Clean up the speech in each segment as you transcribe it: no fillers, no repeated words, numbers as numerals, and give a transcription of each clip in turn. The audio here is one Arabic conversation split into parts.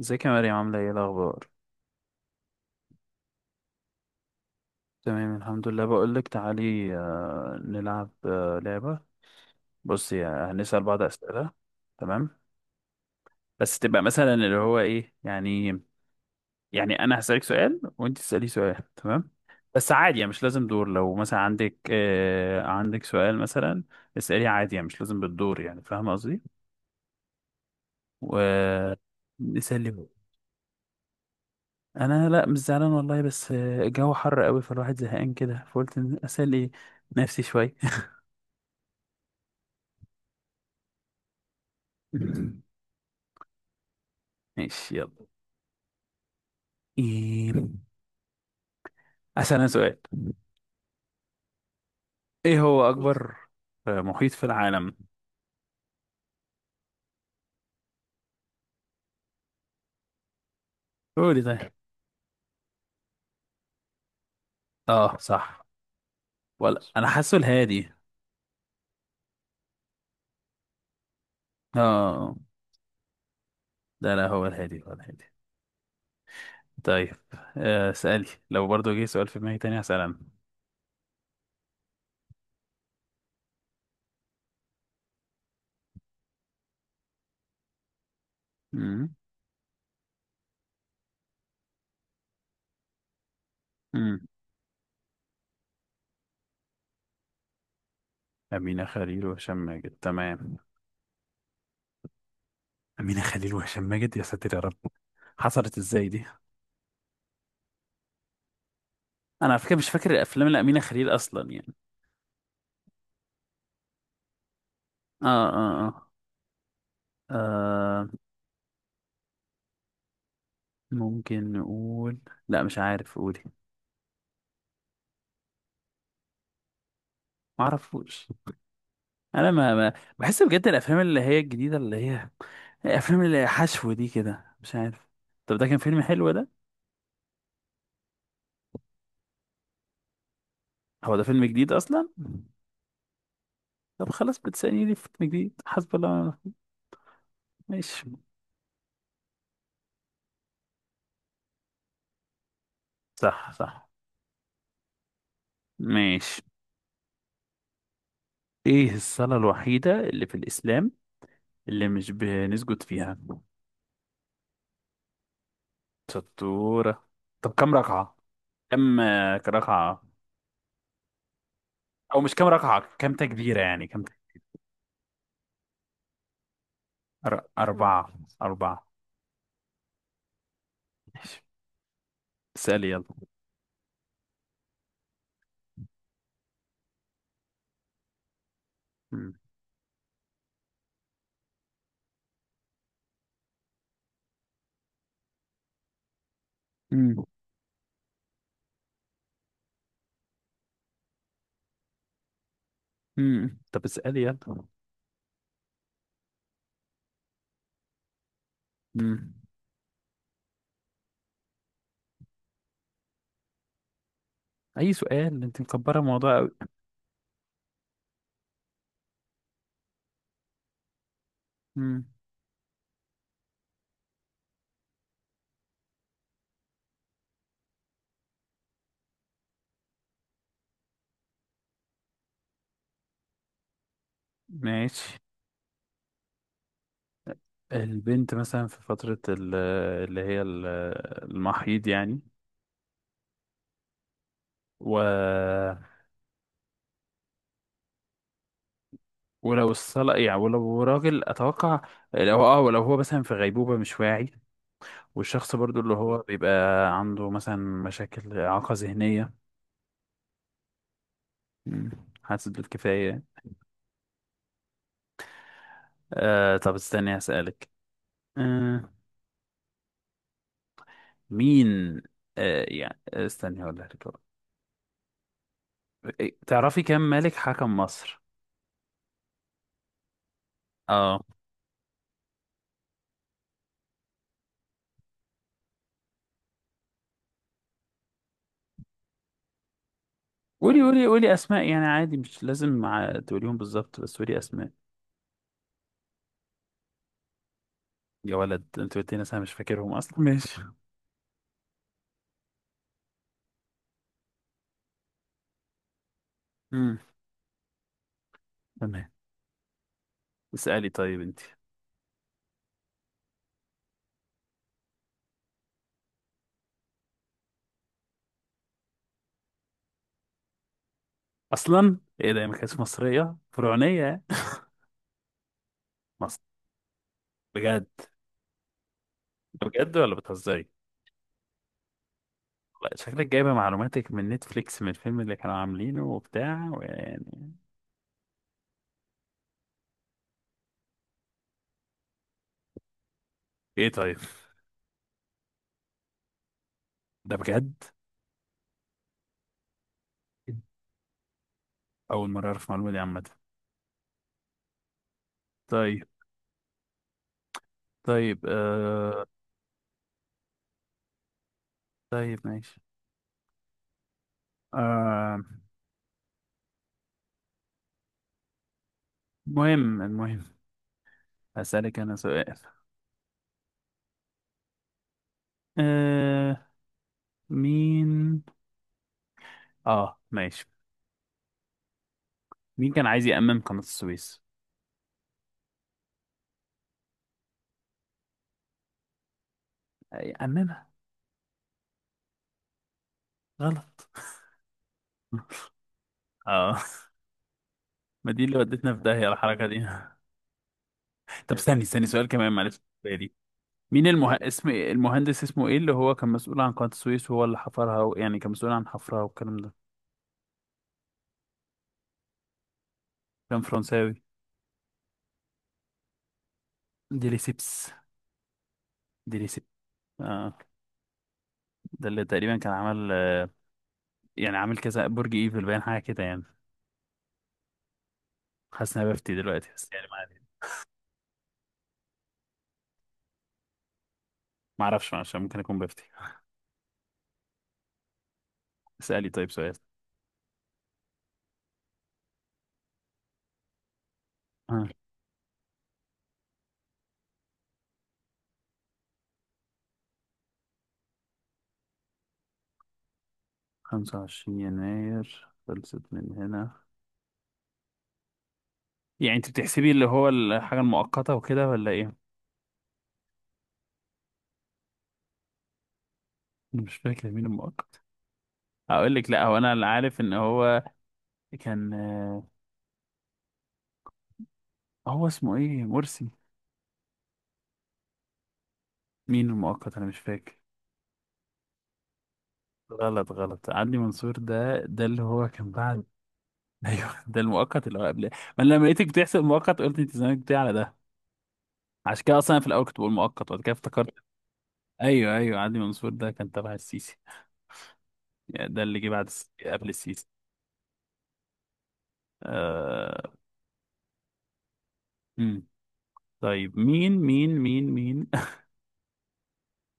ازيك يا مريم، عاملة ايه الأخبار؟ تمام الحمد لله. بقولك تعالي نلعب لعبة. بصي، هنسأل بعض أسئلة. تمام، بس تبقى مثلا اللي هو ايه يعني. يعني أنا هسألك سؤال وأنت تسألي سؤال، تمام؟ بس عادي، يعني مش لازم دور. لو مثلا عندك عندك سؤال مثلا، اسألي عادي. يعني مش لازم بالدور، يعني فاهمة قصدي؟ ونسألي هو. أنا لأ مش زعلان والله، بس الجو حر قوي فالواحد زهقان كده، فقلت إن أسأل ايه نفسي شوية. ماشي يلا. إيه... أسأل أنا سؤال. إيه هو أكبر محيط في العالم؟ قولي طيب. آه صح. ولا أنا حاسه الهادي. آه. لا، هو الهادي، هو الهادي. طيب، اسألي. لو برضو جه سؤال في دماغي تاني هسأل أنا. أمم، أمم. أمينة خليل وهشام ماجد، تمام. أمينة خليل وهشام ماجد، يا ساتر يا رب! حصلت إزاي دي؟ أنا على فكرة مش فاكر الأفلام لأمينة خليل أصلا يعني. آه آه آه, آه. ممكن نقول، لا مش عارف، قولي. ما اعرفوش. انا ما, ما بحس بجد الافلام اللي هي الجديده، اللي هي الافلام اللي هي حشو دي كده، مش عارف. طب ده كان فيلم حلو ده؟ هو ده فيلم جديد اصلا؟ طب خلاص، بتسألني ليه في فيلم جديد؟ حسب الله ونعم الوكيل. ماشي. صح صح ماشي. ايه الصلاة الوحيدة اللي في الاسلام اللي مش بنسجد فيها؟ شطورة. طب كم ركعة؟ كم ركعة؟ او مش كم ركعة، كم تكبيرة يعني، كم؟ أربعة. أربعة. ماشي، اسألي يلا. مم. مم. طب اسألي يلا. مم. أي سؤال، أنت مكبرة الموضوع أوي. مم. ماشي. البنت مثلا في فترة اللي هي المحيض يعني. و... ولو الصلاة يعني، ولو راجل أتوقع، لو ولو هو مثلا في غيبوبة مش واعي، والشخص برضو اللي هو بيبقى عنده مثلا مشاكل إعاقة ذهنية. مم. حاسس بالكفاية. آه طب استني أسألك. آه مين آه يعني استني اقول لك، تعرفي كم ملك حكم مصر؟ اه، قولي قولي قولي اسماء يعني عادي، مش لازم مع تقوليهم بالظبط، بس قولي اسماء. يا ولد انت قلت لي ناس انا مش فاكرهم اصلا، ماشي. امم، تمام. اسالي طيب انت. اصلا ايه ده، هي ما كانتش مصريه فرعونيه؟ مصر، بجد؟ بجد ولا بتهزري؟ لا، شكلك جايبه معلوماتك من نتفليكس، من الفيلم اللي كانوا عاملينه وبتاع ويعني. ايه طيب، ده بجد؟ أول مرة أعرف المعلومة دي عامة. طيب. طيب آه، طيب ماشي. آه، المهم المهم، هسألك أنا سؤال. آه مين آه ماشي، مين كان عايز يأمم قناة السويس؟ يأممها. غلط. آه. ما دي اللي ودتنا في داهية، الحركة دي. طب استني استني، سؤال كمان معلش بالي. اسم المهندس اسمه ايه، اللي هو كان مسؤول عن قناة السويس وهو اللي حفرها و... يعني كان مسؤول عن حفرها والكلام ده؟ كان فرنساوي، ديليسيبس. ديليسيبس ده اللي تقريبا كان عمل، يعني عامل كذا برج ايفل باين، حاجه كده يعني. حاسس ان انا بفتي دلوقتي بس يعني ما علينا. ما اعرفش عشان ممكن اكون بفتي. اسالي طيب سؤال. آه. 25 يناير خلصت من هنا. يعني انت بتحسبي اللي هو الحاجه المؤقته وكده ولا ايه؟ انا مش فاكر مين المؤقت. اقول لك، لا هو انا اللي عارف ان هو كان، هو اسمه ايه، مرسي؟ مين المؤقت، انا مش فاكر. غلط غلط، عدلي منصور، ده ده اللي هو كان بعد. ايوه ده المؤقت اللي هو قبل ما. أنا لما لقيتك بتحسب مؤقت قلت انت زمانك بتاع على ده، عشان كده اصلا أنا في الاول كنت بقول مؤقت وبعد كده افتكرت. ايوه ايوه، عدلي منصور ده كان تبع السيسي، يعني ده اللي جه بعد قبل السيسي. آه... مم. طيب، مين مين مين مين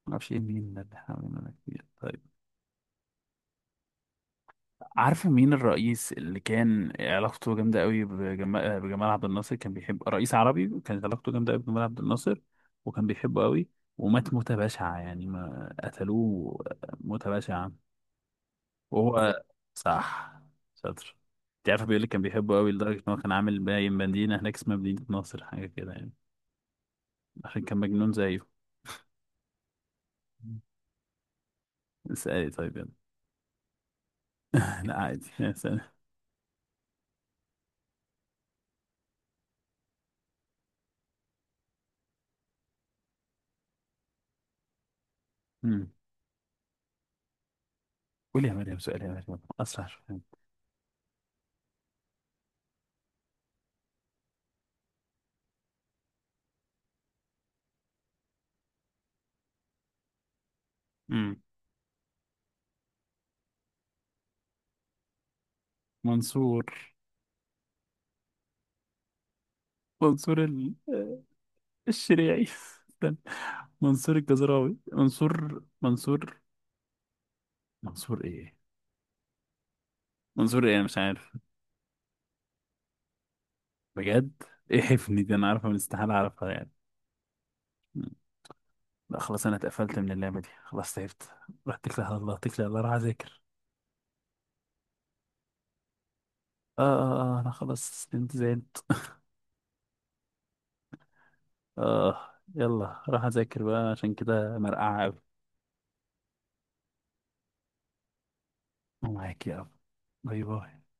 ما اعرفش ايه، مين ده اللي حوالينا ده كتير. عارفة مين الرئيس اللي كان علاقته جامدة قوي بجمال عبد الناصر، كان بيحب رئيس عربي، كانت علاقته جامدة قوي بجمال عبد الناصر وكان بيحبه قوي، ومات موتة بشعة يعني، ما قتلوه موتة بشعة. وهو، صح، شاطر. انت عارفة بيقول لك كان بيحبه قوي لدرجة ان هو كان عامل باين مدينة هناك اسمها مدينة ناصر، حاجة كده يعني، عشان كان مجنون زيه. اسألي طيب يلا. لا عادي اسألي. مم. قولي يا مريم سؤال، يا مريم أسرع شوية. مم. منصور، منصور ال... الشريعي. استنى. منصور الجزراوي، منصور ايه؟ منصور ايه، انا مش عارف. بجد؟ ايه حفني دي، انا عارفها من استحالة اعرفها يعني. مم. لا خلاص، انا اتقفلت من اللعبة دي خلاص، تعبت. رحت اتكل على الله، اتكل على الله، راح اذاكر. اه اه اه، انا خلاص استنت، زعلت. اه، يلا راح اذاكر بقى، عشان كده مرقعة قوي. معاك يا رب. باي باي.